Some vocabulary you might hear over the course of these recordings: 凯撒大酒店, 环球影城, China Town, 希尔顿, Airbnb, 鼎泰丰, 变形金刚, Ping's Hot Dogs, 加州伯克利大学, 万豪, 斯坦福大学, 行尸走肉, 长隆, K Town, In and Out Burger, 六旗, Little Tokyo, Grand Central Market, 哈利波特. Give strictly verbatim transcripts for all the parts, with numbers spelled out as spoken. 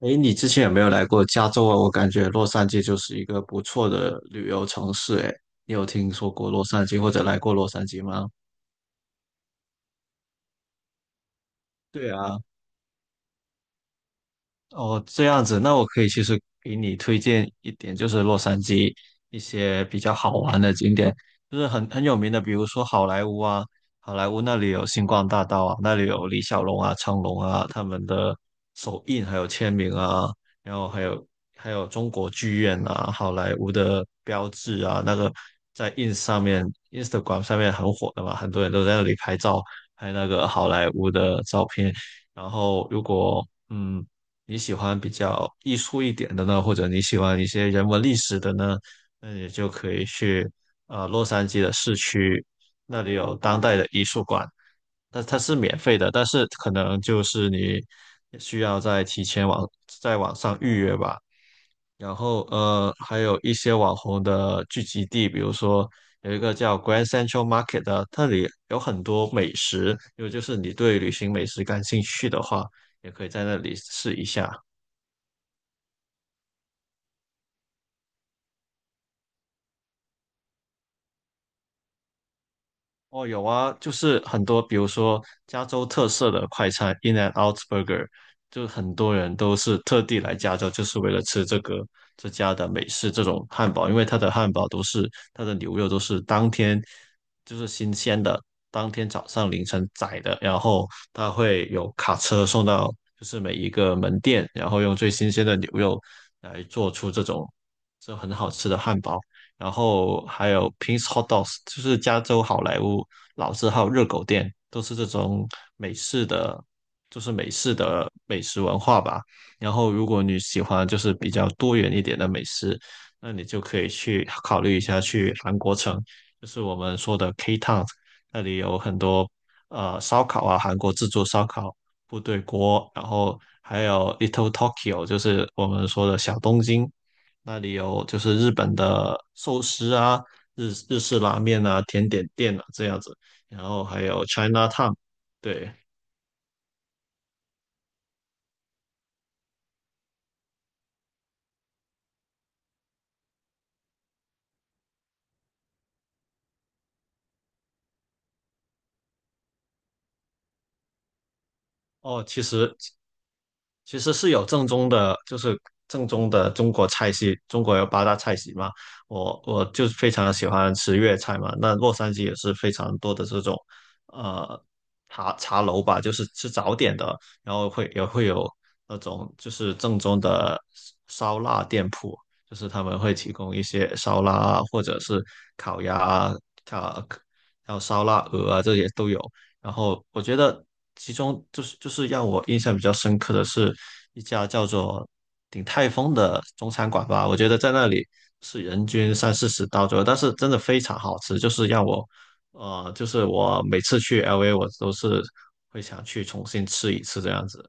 诶，你之前有没有来过加州啊？我感觉洛杉矶就是一个不错的旅游城市。诶，你有听说过洛杉矶或者来过洛杉矶吗？对啊，哦，这样子，那我可以其实给你推荐一点，就是洛杉矶一些比较好玩的景点，就是很很有名的，比如说好莱坞啊，好莱坞那里有星光大道啊，那里有李小龙啊、成龙啊他们的手印还有签名啊，然后还有还有中国剧院啊，好莱坞的标志啊，那个在 ins 上面、Instagram 上面很火的嘛，很多人都在那里拍照，拍那个好莱坞的照片。然后如果嗯你喜欢比较艺术一点的呢，或者你喜欢一些人文历史的呢，那你就可以去呃洛杉矶的市区，那里有当代的艺术馆，那它是免费的，但是可能就是你需要在提前网在网上预约吧。然后呃，还有一些网红的聚集地，比如说有一个叫 Grand Central Market 的，那里有很多美食，因为就是你对旅行美食感兴趣的话，也可以在那里试一下。哦，有啊，就是很多，比如说加州特色的快餐 In and Out Burger，就很多人都是特地来加州，就是为了吃这个这家的美式这种汉堡，因为它的汉堡都是它的牛肉都是当天就是新鲜的，当天早上凌晨宰的，然后它会有卡车送到就是每一个门店，然后用最新鲜的牛肉来做出这种这很好吃的汉堡。然后还有 Ping's Hot Dogs，就是加州好莱坞老字号热狗店，都是这种美式的，就是美式的美食文化吧。然后如果你喜欢就是比较多元一点的美食，那你就可以去考虑一下去韩国城，就是我们说的 K Town，那里有很多呃烧烤啊，韩国自助烧烤、部队锅，然后还有 Little Tokyo，就是我们说的小东京。那里有就是日本的寿司啊、日日式拉面啊、甜点店啊这样子，然后还有 China Town，对，哦，其实其实是有正宗的，就是正宗的中国菜系，中国有八大菜系嘛。我我就非常喜欢吃粤菜嘛。那洛杉矶也是非常多的这种，呃，茶茶楼吧，就是吃早点的，然后会也会有那种就是正宗的烧腊店铺，就是他们会提供一些烧腊啊，或者是烤鸭啊、烤还有烧腊鹅啊，这些都有。然后我觉得其中就是就是让我印象比较深刻的是一家叫做鼎泰丰的中餐馆吧，我觉得在那里是人均三四十刀左右，但是真的非常好吃，就是让我呃，就是我每次去 L A 我都是会想去重新吃一次这样子。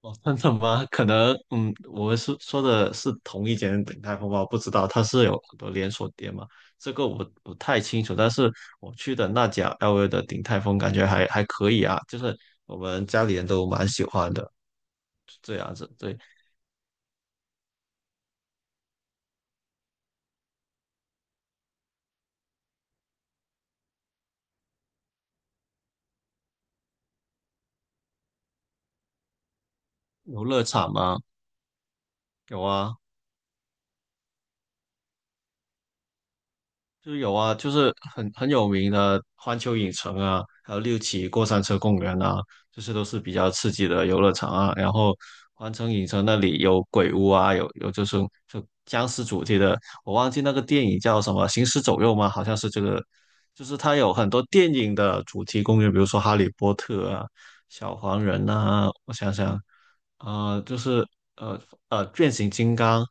哦，真的吗？可能，嗯，我们是说的是同一间鼎泰丰吧，不知道它是有很多连锁店嘛，这个我不太清楚。但是我去的那家 L V 的鼎泰丰感觉还还可以啊，就是我们家里人都蛮喜欢的，这样子。对，游乐场吗？有啊，就是有啊，就是很很有名的环球影城啊，还有六旗过山车公园啊，这些都是比较刺激的游乐场啊。然后环城影城那里有鬼屋啊，有有就是就僵尸主题的，我忘记那个电影叫什么《行尸走肉》吗？好像是这个，就是它有很多电影的主题公园，比如说《哈利波特》啊、小黄人啊，我想想，呃，就是呃呃变形金刚。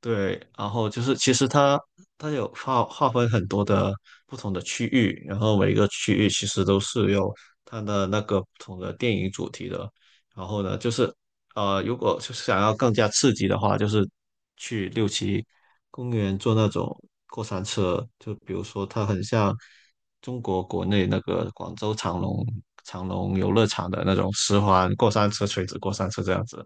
对，然后就是其实它它有划划分很多的不同的区域，然后每个区域其实都是有它的那个不同的电影主题的。然后呢，就是呃，如果就是想要更加刺激的话，就是去六旗公园坐那种过山车，就比如说它很像中国国内那个广州长隆长隆游乐场的那种十环过山车、垂直过山车这样子。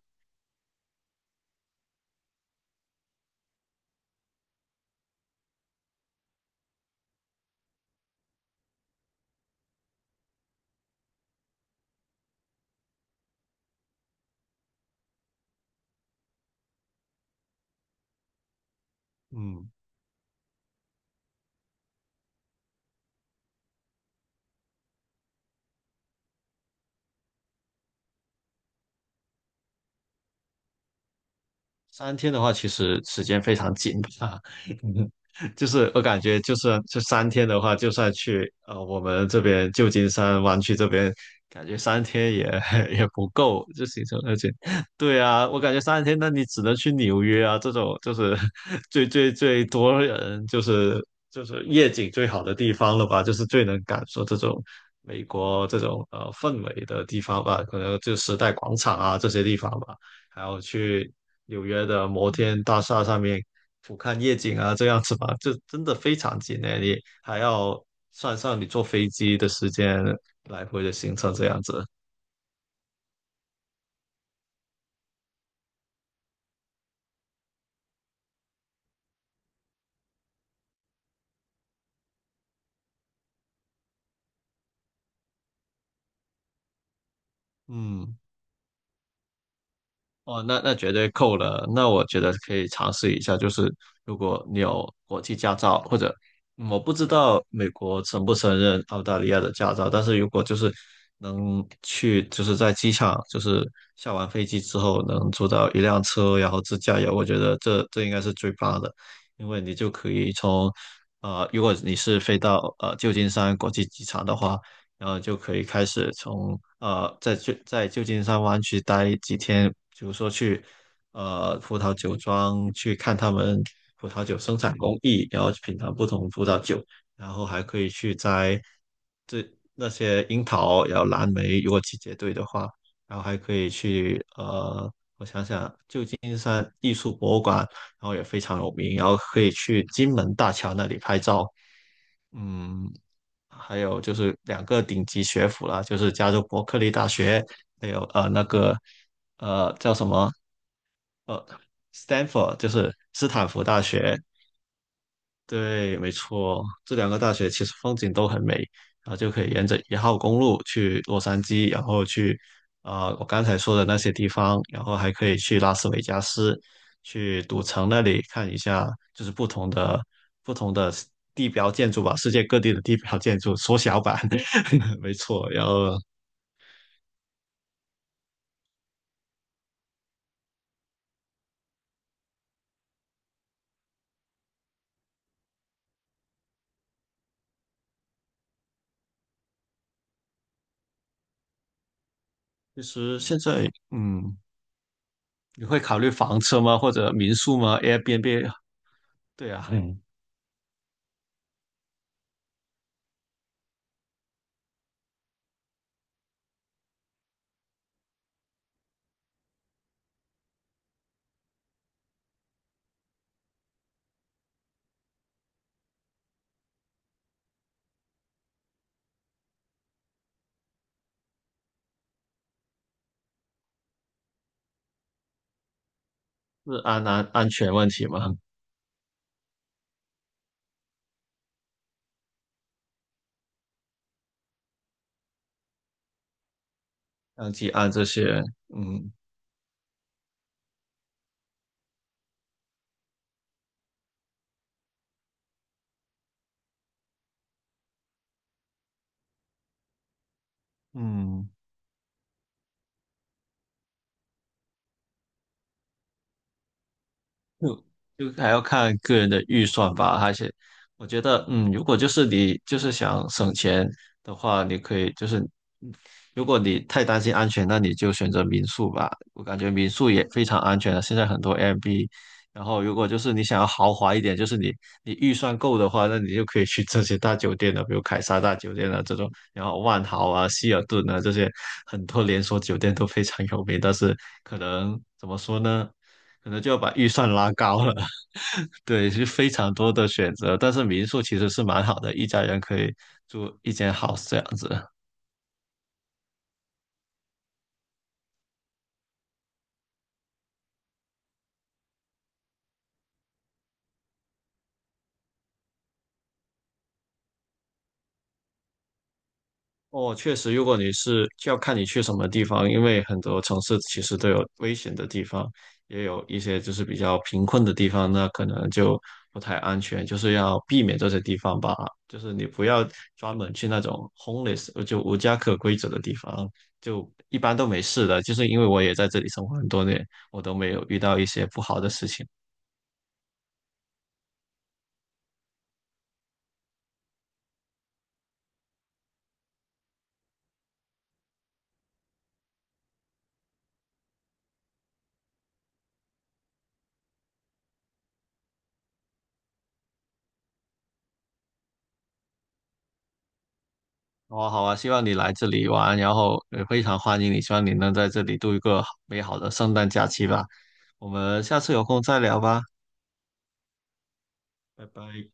嗯。三天的话，其实时间非常紧啊。就是我感觉，就是这三天的话，就算去呃我们这边旧金山湾区这边，感觉三天也 也不够，就行程。而且，对啊，我感觉三天，那你只能去纽约啊，这种就是 最最最多人，就是就是夜景最好的地方了吧，就是最能感受这种美国这种呃氛围的地方吧，可能就时代广场啊这些地方吧。还要去纽约的摩天大厦上面俯瞰夜景啊，这样子吧，这真的非常近诶，你还要算上你坐飞机的时间，来回的行程这样子，嗯。哦，那那绝对够了。那我觉得可以尝试一下，就是如果你有国际驾照，或者嗯我不知道美国承不承认澳大利亚的驾照，但是如果就是能去，就是在机场，就是下完飞机之后能租到一辆车，然后自驾游，我觉得这这应该是最棒的，因为你就可以从呃，如果你是飞到呃旧金山国际机场的话，然后就可以开始从呃在旧在旧金山湾区待几天，比如说去呃葡萄酒庄去看他们葡萄酒生产工艺，然后品尝不同葡萄酒，然后还可以去摘这那些樱桃，然后蓝莓，如果季节对的话，然后还可以去呃。我想想，旧金山艺术博物馆，然后也非常有名，然后可以去金门大桥那里拍照，嗯，还有就是两个顶级学府啦，就是加州伯克利大学，还有呃那个呃叫什么呃 Stanford，就是斯坦福大学，对，没错，这两个大学其实风景都很美，然后就可以沿着一号公路去洛杉矶，然后去呃我刚才说的那些地方，然后还可以去拉斯维加斯，去赌城那里看一下，就是不同的不同的地标建筑吧，世界各地的地标建筑缩小版，没错。然后其实现在嗯，你会考虑房车吗？或者民宿吗？Airbnb？对啊，嗯是安安安全问题吗？像提案这些，嗯嗯，就就还要看个人的预算吧，而且我觉得，嗯，如果就是你就是想省钱的话，你可以就是，嗯如果你太担心安全，那你就选择民宿吧。我感觉民宿也非常安全了，现在很多 Airbnb。然后，如果就是你想要豪华一点，就是你你预算够的话，那你就可以去这些大酒店了，比如凯撒大酒店啊这种，然后万豪啊、希尔顿啊这些很多连锁酒店都非常有名，但是可能怎么说呢？可能就要把预算拉高了。对，是非常多的选择，但是民宿其实是蛮好的，一家人可以住一间 house 这样子。哦，确实，如果你是就要看你去什么地方，因为很多城市其实都有危险的地方，也有一些就是比较贫困的地方，那可能就不太安全，就是要避免这些地方吧。就是你不要专门去那种 homeless 呃就无家可归者的地方，就一般都没事的。就是因为我也在这里生活很多年，我都没有遇到一些不好的事情。好啊，好啊，希望你来这里玩，然后也非常欢迎你，希望你能在这里度一个美好的圣诞假期吧。我们下次有空再聊吧，拜拜。